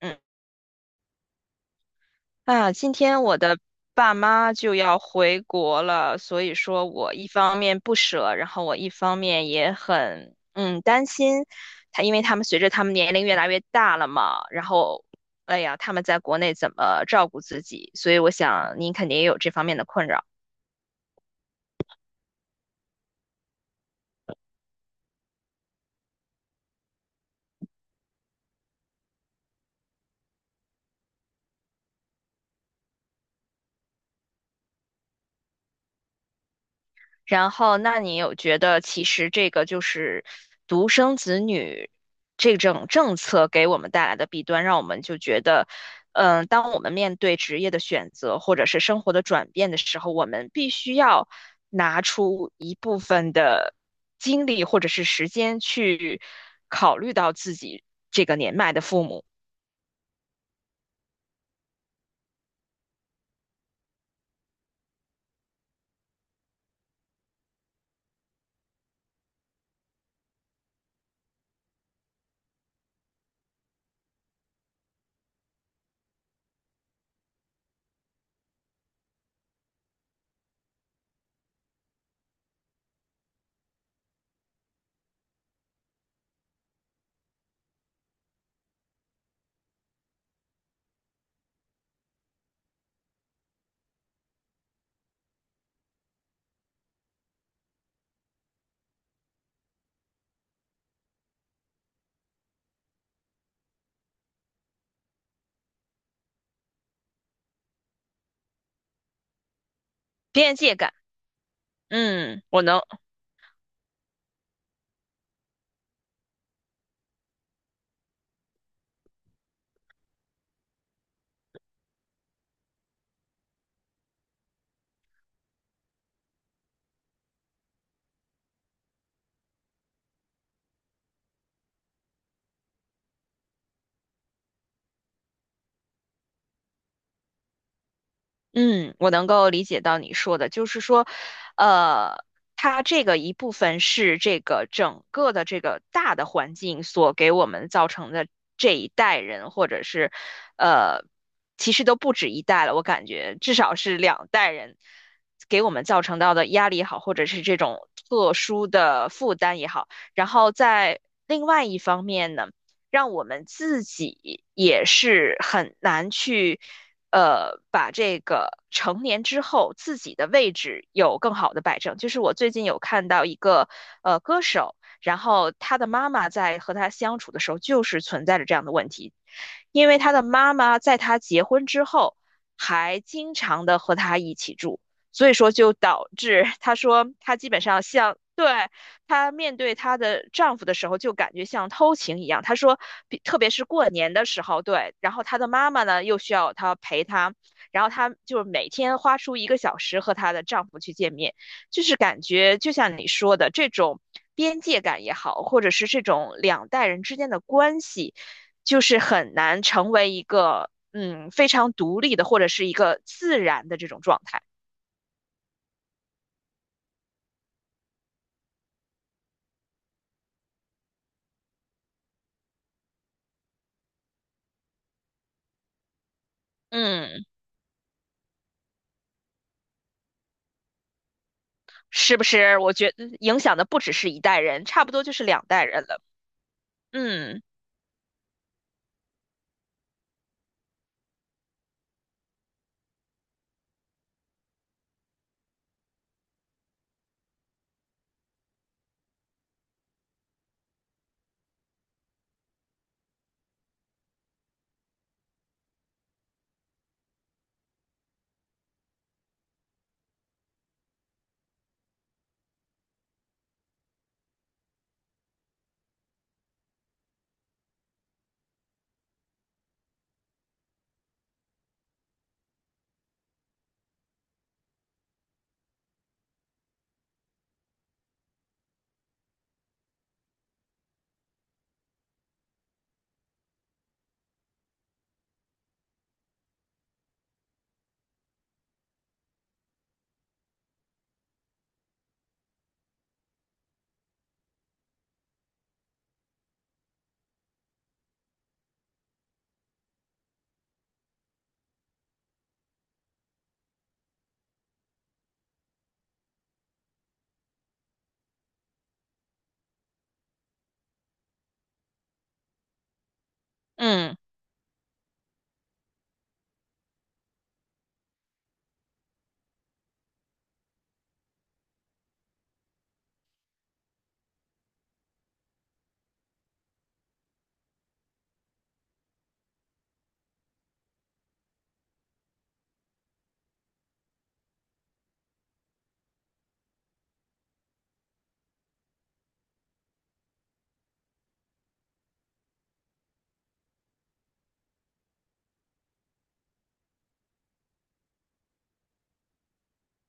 嗯，今天我的爸妈就要回国了，所以说我一方面不舍，然后我一方面也很担心他，因为他们随着他们年龄越来越大了嘛，然后哎呀，他们在国内怎么照顾自己？所以我想您肯定也有这方面的困扰。然后，那你有觉得其实这个就是独生子女这种政策给我们带来的弊端，让我们就觉得，嗯，当我们面对职业的选择或者是生活的转变的时候，我们必须要拿出一部分的精力或者是时间去考虑到自己这个年迈的父母边界感。嗯，我能，嗯，我能够理解到你说的，就是说，呃，它这个一部分是这个整个的这个大的环境所给我们造成的这一代人，或者是，呃，其实都不止一代了，我感觉至少是两代人给我们造成到的压力也好，或者是这种特殊的负担也好，然后在另外一方面呢。让我们自己也是很难去。把这个成年之后自己的位置有更好的摆正。就是我最近有看到一个歌手，然后他的妈妈在和他相处的时候，就是存在着这样的问题，因为他的妈妈在他结婚之后还经常的和他一起住，所以说就导致他说他基本上像。对，她面对她的丈夫的时候，就感觉像偷情一样。她说，比特别是过年的时候，对，然后她的妈妈呢又需要她陪她，然后她就是每天花出一个小时和她的丈夫去见面，就是感觉就像你说的这种边界感也好，或者是这种两代人之间的关系，就是很难成为一个非常独立的或者是一个自然的这种状态。嗯。是不是？我觉得影响的不只是一代人，差不多就是两代人了。嗯嗯。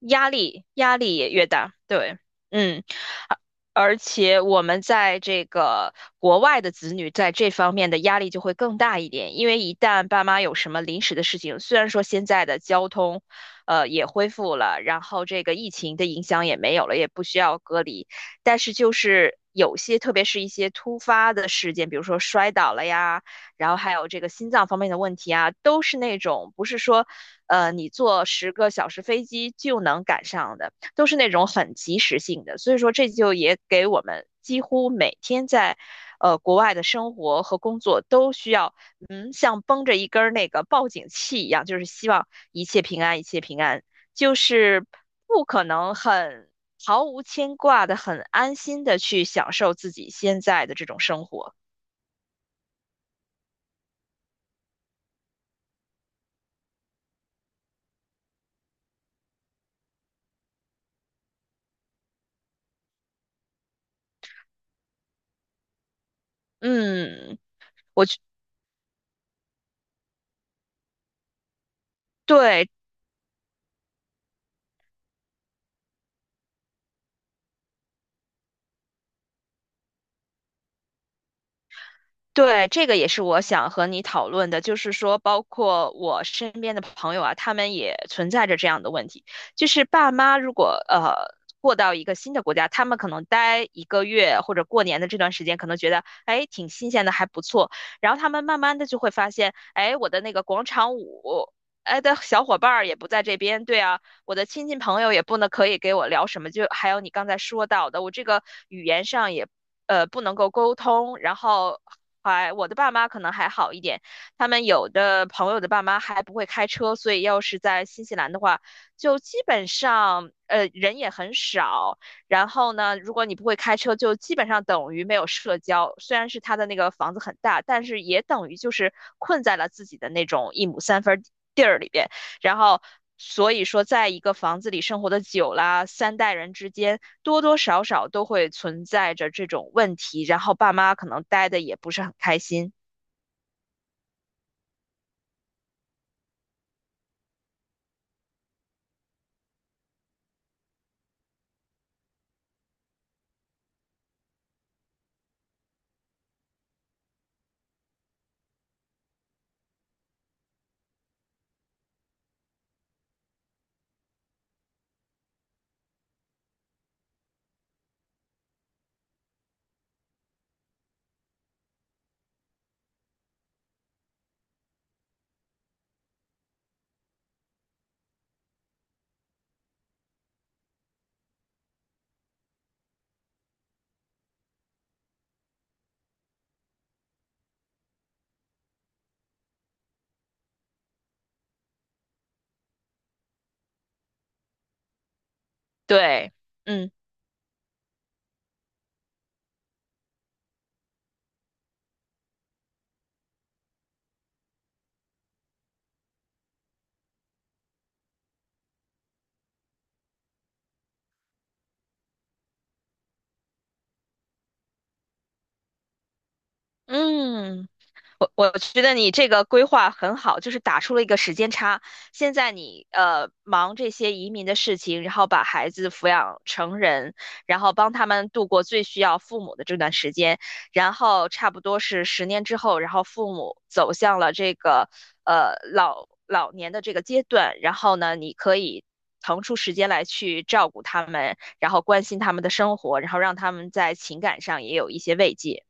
压力也越大，对，嗯，啊而且我们在这个国外的子女在这方面的压力就会更大一点，因为一旦爸妈有什么临时的事情，虽然说现在的交通，也恢复了，然后这个疫情的影响也没有了，也不需要隔离，但是就是有些，特别是一些突发的事件，比如说摔倒了呀。然后还有这个心脏方面的问题啊，都是那种不是说你坐10个小时飞机就能赶上的，都是那种很及时性的。所以说，这就也给我们几乎每天在国外的生活和工作都需要，嗯，像绷着一根儿那个报警器一样，就是希望一切平安，一切平安，就是不可能很毫无牵挂的、很安心的去享受自己现在的这种生活。嗯，我觉对对，这个也是我想和你讨论的，就是说，包括我身边的朋友啊，他们也存在着这样的问题，就是爸妈如果过到一个新的国家，他们可能待一个月或者过年的这段时间，可能觉得哎挺新鲜的，还不错，然后他们慢慢的就会发现，哎，我的那个广场舞。哎的小伙伴儿也不在这边，对啊，我的亲戚朋友也不能可以给我聊什么，就还有你刚才说到的，我这个语言上也不能够沟通，然后还我的爸妈可能还好一点，他们有的朋友的爸妈还不会开车，所以要是在新西兰的话，就基本上人也很少，然后呢，如果你不会开车，就基本上等于没有社交。虽然是他的那个房子很大，但是也等于就是困在了自己的那种一亩三分地儿里边。然后，所以说，在一个房子里生活的久啦，三代人之间多多少少都会存在着这种问题，然后爸妈可能待的也不是很开心。对，嗯嗯。我觉得你这个规划很好，就是打出了一个时间差。现在你忙这些移民的事情，然后把孩子抚养成人，然后帮他们度过最需要父母的这段时间，然后差不多是10年之后，然后父母走向了这个老老年的这个阶段，然后呢，你可以。腾出时间来去照顾他们，然后关心他们的生活，然后让他们在情感上也有一些慰藉。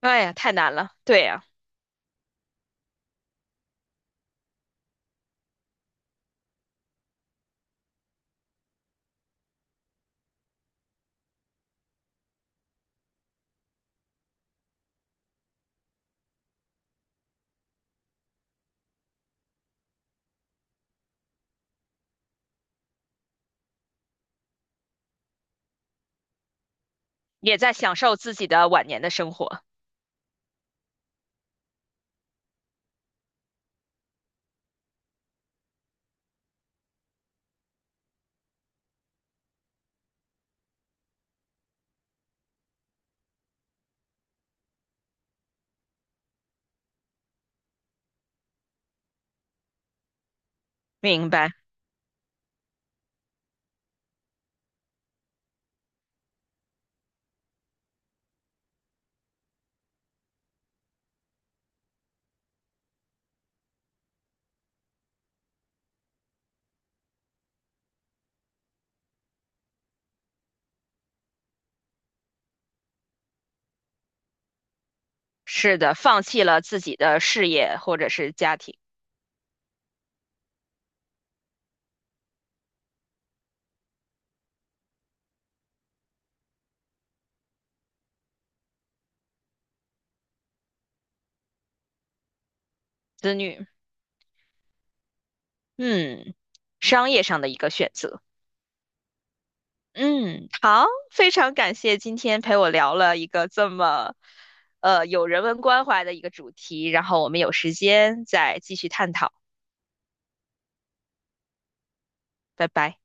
哎呀，太难了，对呀。也在享受自己的晚年的生活。明白，是的，放弃了自己的事业或者是家庭、子女，嗯，商业上的一个选择。嗯，好，非常感谢今天陪我聊了一个这么，有人文关怀的一个主题，然后我们有时间再继续探讨，拜拜。